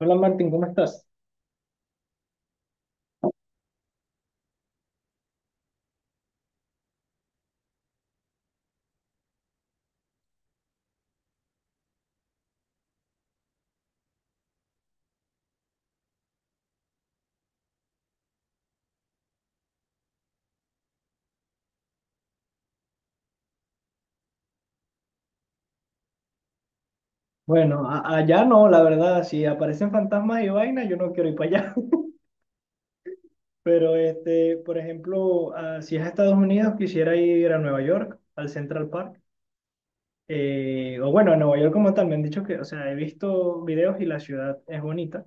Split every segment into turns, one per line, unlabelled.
Hola Martín, ¿cómo estás? Bueno, allá no, la verdad, si aparecen fantasmas y vainas, yo no quiero ir para allá. Pero, este, por ejemplo, ah, si es a Estados Unidos, quisiera ir a Nueva York, al Central Park. O bueno, a Nueva York como tal, me han dicho que, o sea, he visto videos y la ciudad es bonita.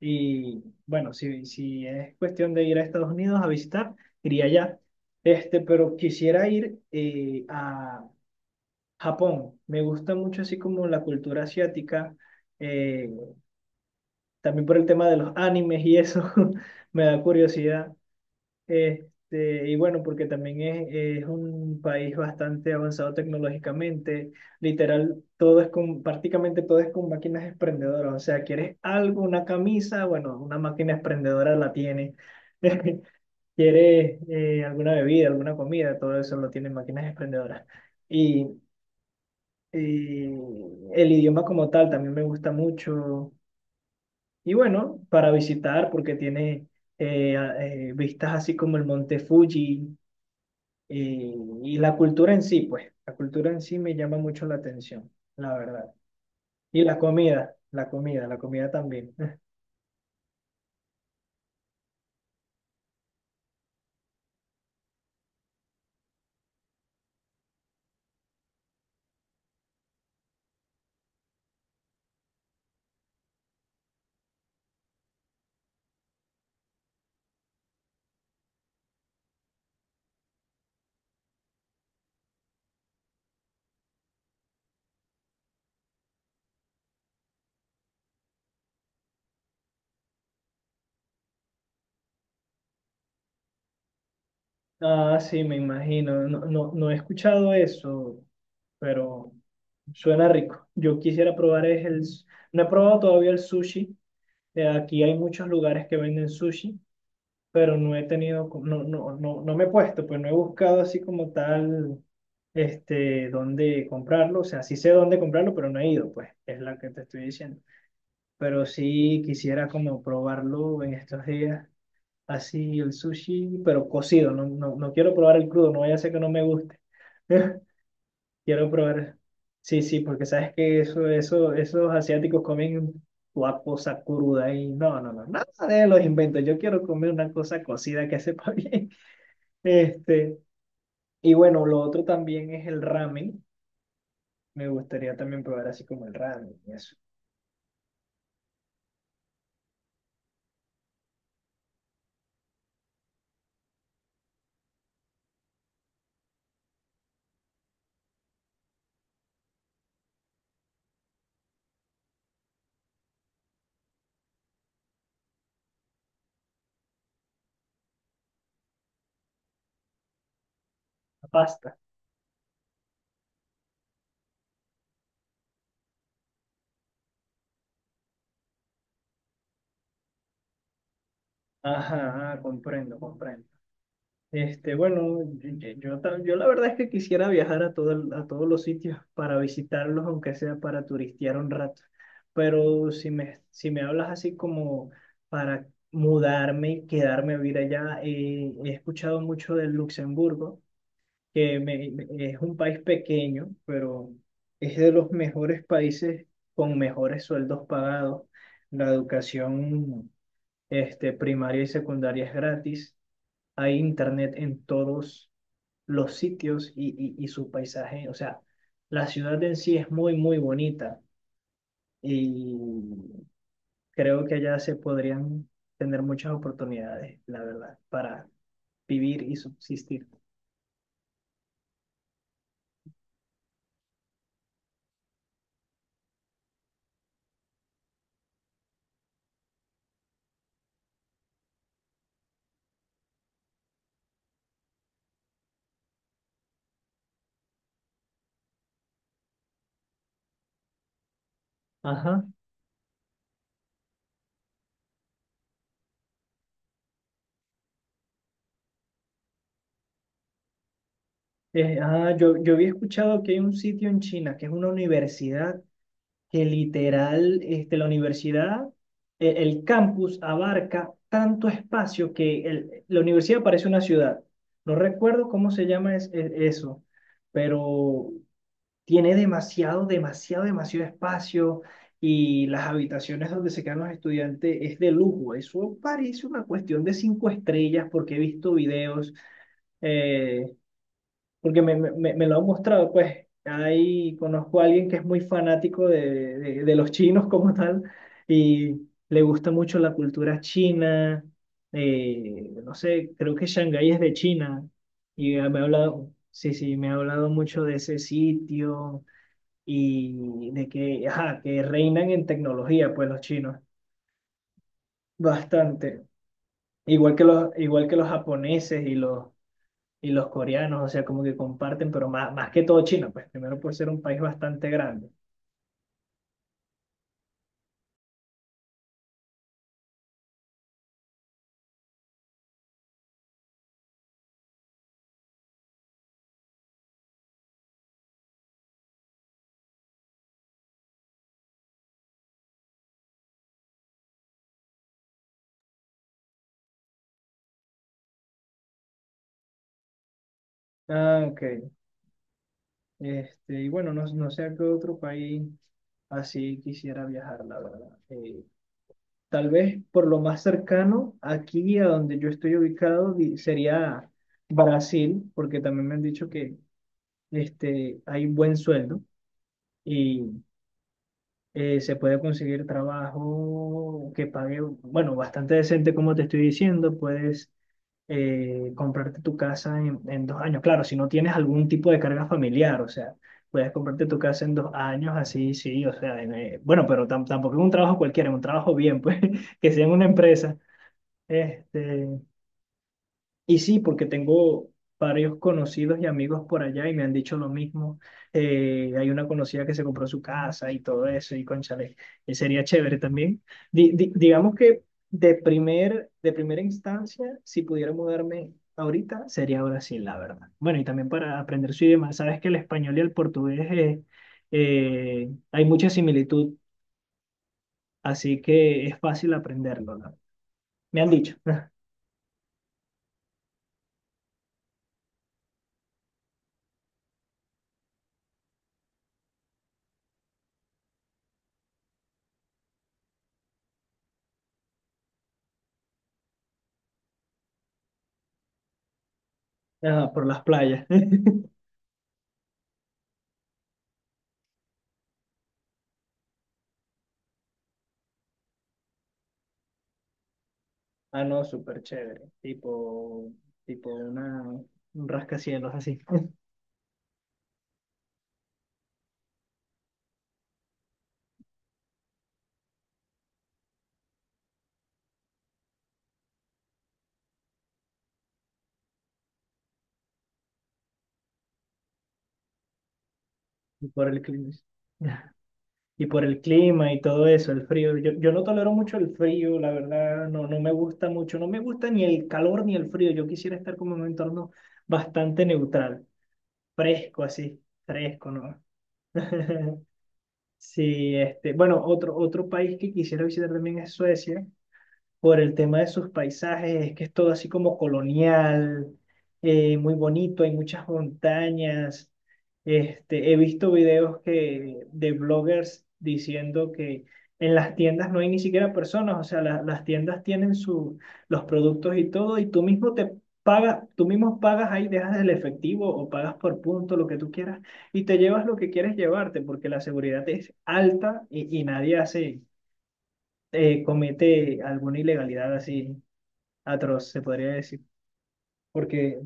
Y bueno, si es cuestión de ir a Estados Unidos a visitar, iría allá. Este, pero quisiera ir a Japón. Me gusta mucho así como la cultura asiática. eh, También por el tema de los animes y eso me da curiosidad. Este, y bueno, porque también es un país bastante avanzado tecnológicamente. Literal, prácticamente todo es con máquinas expendedoras. O sea, quieres algo, una camisa, bueno, una máquina expendedora la tiene. Quieres alguna bebida, alguna comida, todo eso lo tienen máquinas expendedoras. Y, y el idioma como tal también me gusta mucho. Y bueno, para visitar, porque tiene vistas así como el Monte Fuji eh, y la cultura en sí, pues, la cultura en sí me llama mucho la atención, la verdad. Y la comida, la comida, la comida también. Ah, sí, me imagino. No, no, no he escuchado eso, pero suena rico. Yo quisiera probar no he probado todavía el sushi. Aquí hay muchos lugares que venden sushi, pero no he tenido, no, no, no, no me he puesto, pues no he buscado así como tal, este, dónde comprarlo. O sea, sí sé dónde comprarlo, pero no he ido, pues, es la que te estoy diciendo. Pero sí quisiera como probarlo en estos días, así el sushi, pero cocido, no, no, no quiero probar el crudo, no vaya a ser que no me guste. Quiero probar, sí, sí, porque sabes que esos asiáticos comen una cosa cruda y no, no, no, nada de los inventos, yo quiero comer una cosa cocida que sepa bien. Este, y bueno, lo otro también es el ramen. Me gustaría también probar así como el ramen y eso. La pasta. Ajá, ah, comprendo, comprendo. Este, bueno, yo la verdad es que quisiera viajar a todos los sitios para visitarlos, aunque sea para turistear un rato. Pero si me hablas así como para mudarme, quedarme a vivir allá, he escuchado mucho del Luxemburgo, que es un país pequeño, pero es de los mejores países con mejores sueldos pagados. La educación, este, primaria y secundaria es gratis. Hay internet en todos los sitios y, y su paisaje. O sea, la ciudad en sí es muy, muy bonita y creo que allá se podrían tener muchas oportunidades, la verdad, para vivir y subsistir. Ajá. Ah, yo había escuchado que hay un sitio en China que es una universidad que literal, este, la universidad, el campus abarca tanto espacio que la universidad parece una ciudad. No recuerdo cómo se llama eso, pero tiene demasiado, demasiado, demasiado espacio, y las habitaciones donde se quedan los estudiantes es de lujo. Eso parece una cuestión de cinco estrellas, porque he visto videos. eh, Porque me lo han mostrado, pues ahí conozco a alguien que es muy fanático de los chinos como tal, y le gusta mucho la cultura china. No sé, creo que Shanghái es de China, y me ha hablado, sí, sí, me ha hablado mucho de ese sitio, y de que, ajá, que reinan en tecnología, pues los chinos, bastante. Igual que los japoneses y los coreanos. O sea, como que comparten, pero más, más que todo China, pues primero por ser un país bastante grande. Ah, ok. Este, y bueno, no, no sé a qué otro país así quisiera viajar, la verdad. Tal vez por lo más cercano, aquí a donde yo estoy ubicado, sería Brasil, porque también me han dicho que este, hay buen sueldo y se puede conseguir trabajo que pague, bueno, bastante decente. Como te estoy diciendo, puedes comprarte tu casa en 2 años. Claro, si no tienes algún tipo de carga familiar, o sea, puedes comprarte tu casa en 2 años, así, sí. O sea, bueno, pero tampoco es un trabajo cualquiera, es un trabajo bien, pues, que sea en una empresa. Este, y sí, porque tengo varios conocidos y amigos por allá, y me han dicho lo mismo. Hay una conocida que se compró su casa y todo eso, y cónchale, sería chévere también. Digamos que de primera instancia, si pudiera mudarme ahorita, sería Brasil, la verdad. Bueno, y también para aprender su idioma. Sabes que el español y el portugués hay mucha similitud, así que es fácil aprenderlo, ¿no? Me han dicho. Ah, por las playas. Ah, no, súper chévere. Tipo un rascacielos así. Y por el clima. Y por el clima y todo eso, el frío. Yo no tolero mucho el frío, la verdad, no, no me gusta mucho. No me gusta ni el calor ni el frío. Yo quisiera estar como en un entorno bastante neutral, fresco así, fresco, ¿no? Sí, este, bueno, otro país que quisiera visitar también es Suecia. Por el tema de sus paisajes, es que es todo así como colonial, muy bonito, hay muchas montañas. Este, he visto videos, que, de bloggers diciendo que en las tiendas no hay ni siquiera personas. O sea, las tiendas tienen su, los productos y todo, y tú mismo te pagas, tú mismo pagas ahí, dejas el efectivo o pagas por punto, lo que tú quieras, y te llevas lo que quieres llevarte, porque la seguridad es alta, y nadie hace comete alguna ilegalidad así atroz, se podría decir. Porque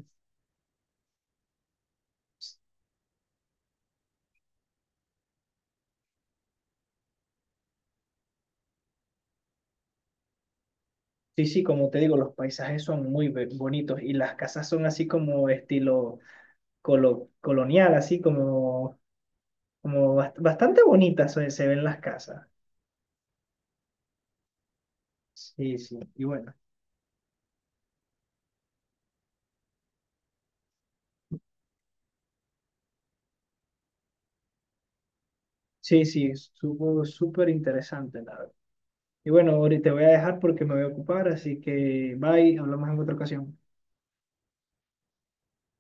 sí, sí, como te digo, los paisajes son muy bonitos, y las casas son así como estilo colonial, así como bastante bonitas, se ven las casas. Sí, sí, y bueno, sí, sí, supo súper interesante, la verdad. Y bueno, ahorita te voy a dejar, porque me voy a ocupar, así que bye, hablamos en otra ocasión.